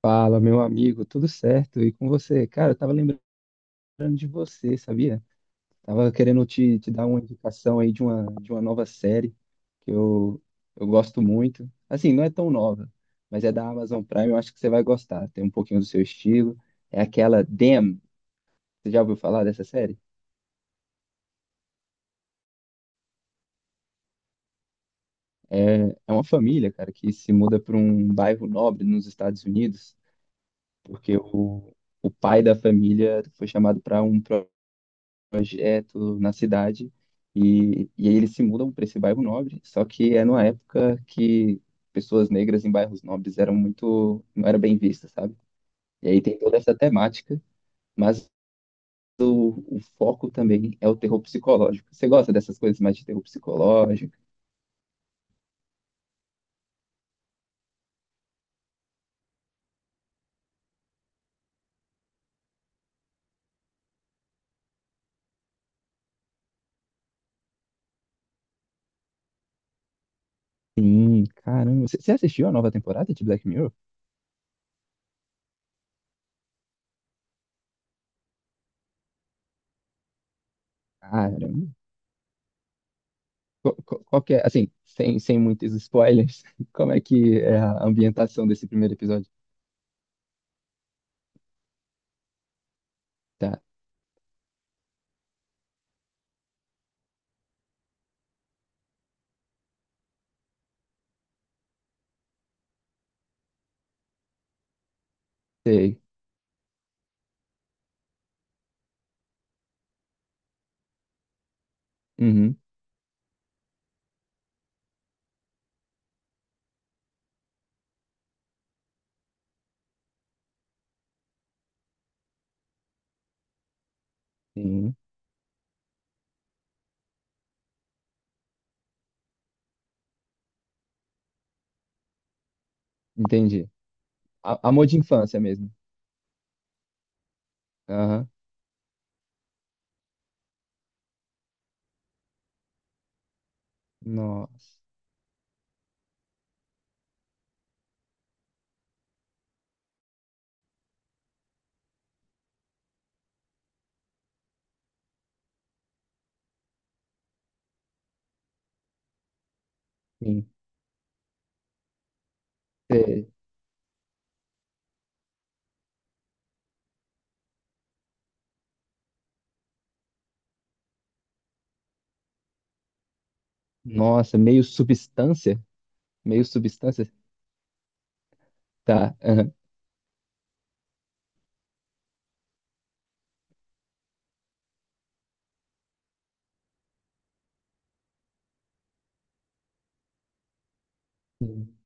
Fala, meu amigo, tudo certo? E com você? Cara, eu tava lembrando de você, sabia? Tava querendo te dar uma indicação aí de uma nova série que eu gosto muito. Assim, não é tão nova, mas é da Amazon Prime, eu acho que você vai gostar. Tem um pouquinho do seu estilo. É aquela Them. Você já ouviu falar dessa série? É, é uma família, cara, que se muda para um bairro nobre nos Estados Unidos, porque o pai da família foi chamado para um projeto na cidade e aí eles se mudam para esse bairro nobre, só que é numa época que pessoas negras em bairros nobres eram muito, não era bem vista, sabe? E aí tem toda essa temática, mas o foco também é o terror psicológico. Você gosta dessas coisas mais de terror psicológico? Sim, caramba. Você assistiu a nova temporada de Black Mirror? Caramba. Qual, qual que é, assim, sem, sem muitos spoilers, como é que é a ambientação desse primeiro episódio? Tá, sei. Uhum. Sim. Entendi. Amor de infância mesmo. Aham. Nossa. Sim. Cê- Nossa, meio substância? Meio substância? Tá. Aham. Sim.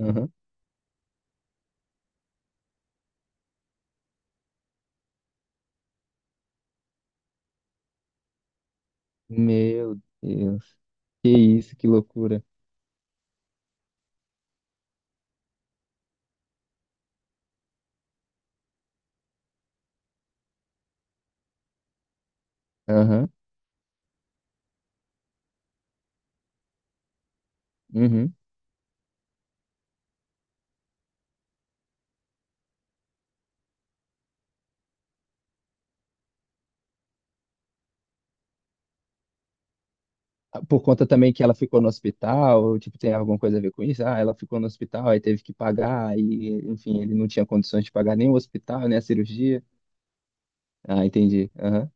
Aham. Meu Deus. Que isso, que loucura. Aham. Uhum. Ah, por conta também que ela ficou no hospital, ou, tipo, tem alguma coisa a ver com isso? Ah, ela ficou no hospital, aí teve que pagar, e, enfim, ele não tinha condições de pagar nem o hospital, nem a cirurgia. Ah, entendi. Aham.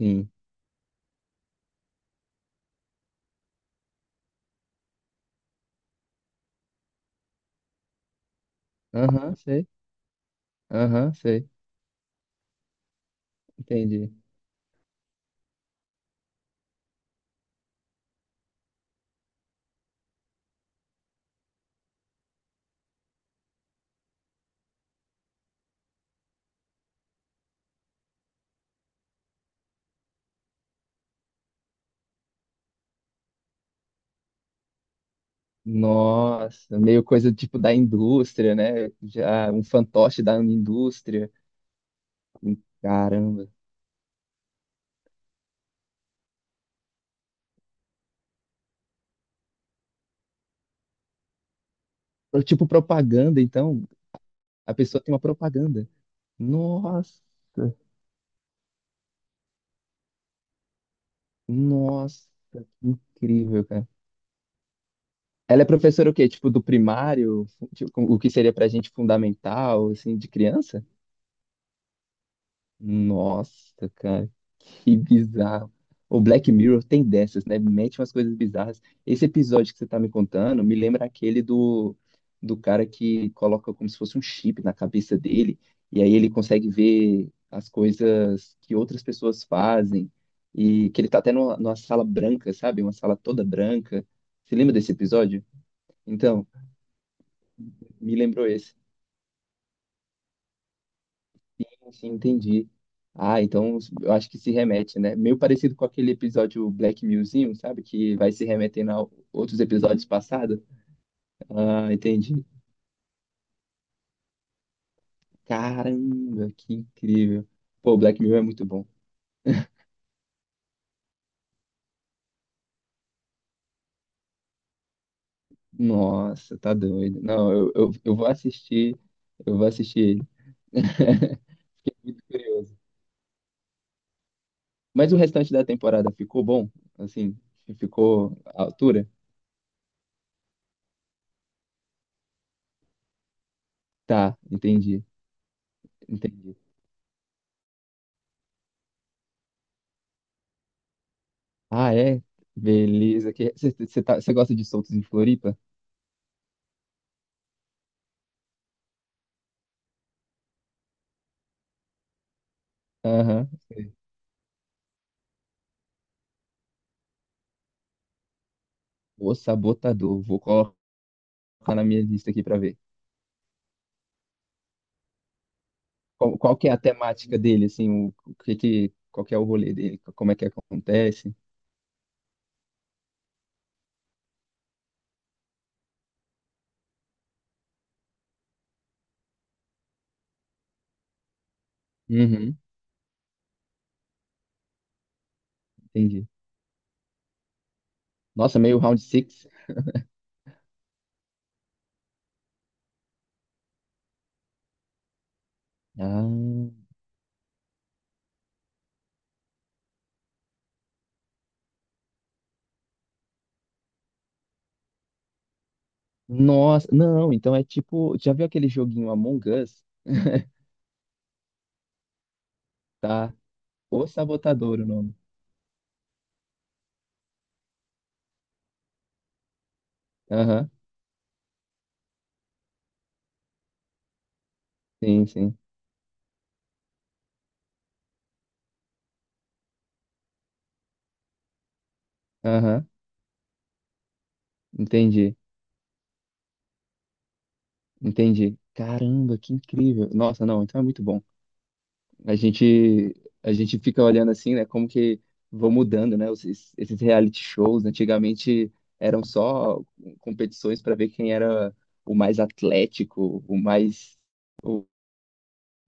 Sim. Aham, sei. Aham, sei. Entendi. Nossa, meio coisa tipo da indústria, né? Já um fantoche da indústria. Caramba. Tipo propaganda, então, a pessoa tem uma propaganda. Nossa, nossa, que incrível, cara. Ela é professora o quê? Tipo do primário? Tipo, o que seria pra gente fundamental, assim, de criança? Nossa, cara, que bizarro. O Black Mirror tem dessas, né? Mete umas coisas bizarras. Esse episódio que você tá me contando me lembra aquele do, do cara que coloca como se fosse um chip na cabeça dele, e aí ele consegue ver as coisas que outras pessoas fazem, e que ele tá até numa, numa sala branca, sabe? Uma sala toda branca. Você lembra desse episódio? Então, me lembrou esse. Sim, entendi. Ah, então eu acho que se remete, né? Meio parecido com aquele episódio Black Museum, sabe? Que vai se remetendo a outros episódios passados. Ah, entendi. Caramba, que incrível. Pô, Black Mirror é muito bom. Nossa, tá doido. Não, eu vou assistir. Eu vou assistir ele. Muito curioso. Mas o restante da temporada ficou bom? Assim, ficou à altura? Tá, entendi. Entendi. Ah, é? Beleza. Que... Você tá... você gosta de soltos em Floripa? Aham, sei. O Sabotador. Vou colocar na minha lista aqui pra ver. Qual, qual que é a temática dele, assim? O que que... Qual que é o rolê dele? Como é que acontece? Uhum, entendi. Nossa, meio round six. Ah, nossa. Não, então é tipo... Já viu aquele joguinho Among Us? Tá. O Sabotador o nome. Aham, sim, sim. Aham, entendi. Entendi. Caramba, que incrível. Nossa, não, então é muito bom. A gente a gente fica olhando assim, né, como que vão mudando, né, esses, esses reality shows. Antigamente eram só competições para ver quem era o mais atlético, o mais o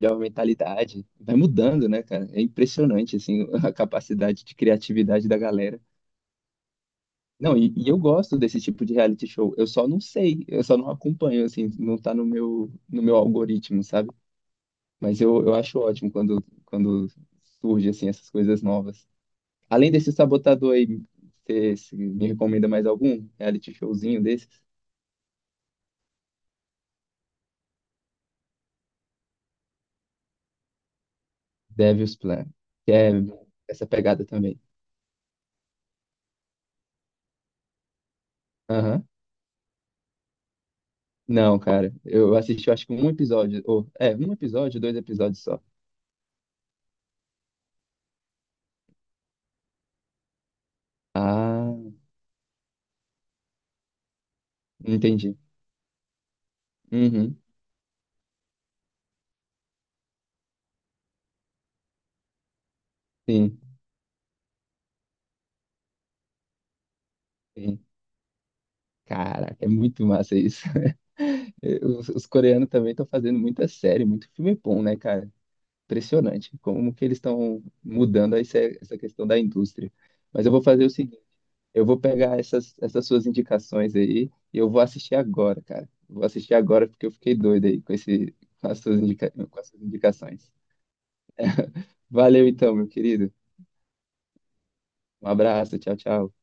melhor mentalidade. Vai mudando, né, cara? É impressionante assim a capacidade de criatividade da galera. Não, e eu gosto desse tipo de reality show. Eu só não sei, eu só não acompanho assim, não tá no meu no meu algoritmo, sabe? Mas eu acho ótimo quando, quando surge assim essas coisas novas. Além desse sabotador aí, você me recomenda mais algum reality showzinho desses? Devil's Plan, que é essa pegada também. Aham. Não, cara, eu assisti acho que um episódio, ou é, um episódio, dois episódios só. Ah, entendi. Uhum, sim, sim. Caraca, é muito massa isso. Os coreanos também estão fazendo muita série, muito filme bom, né, cara? Impressionante como que eles estão mudando essa, essa questão da indústria. Mas eu vou fazer o seguinte, eu vou pegar essas, essas suas indicações aí e eu vou assistir agora, cara. Vou assistir agora porque eu fiquei doido aí com esse, com as suas indica, com as suas indicações. Valeu então, meu querido. Um abraço, tchau, tchau.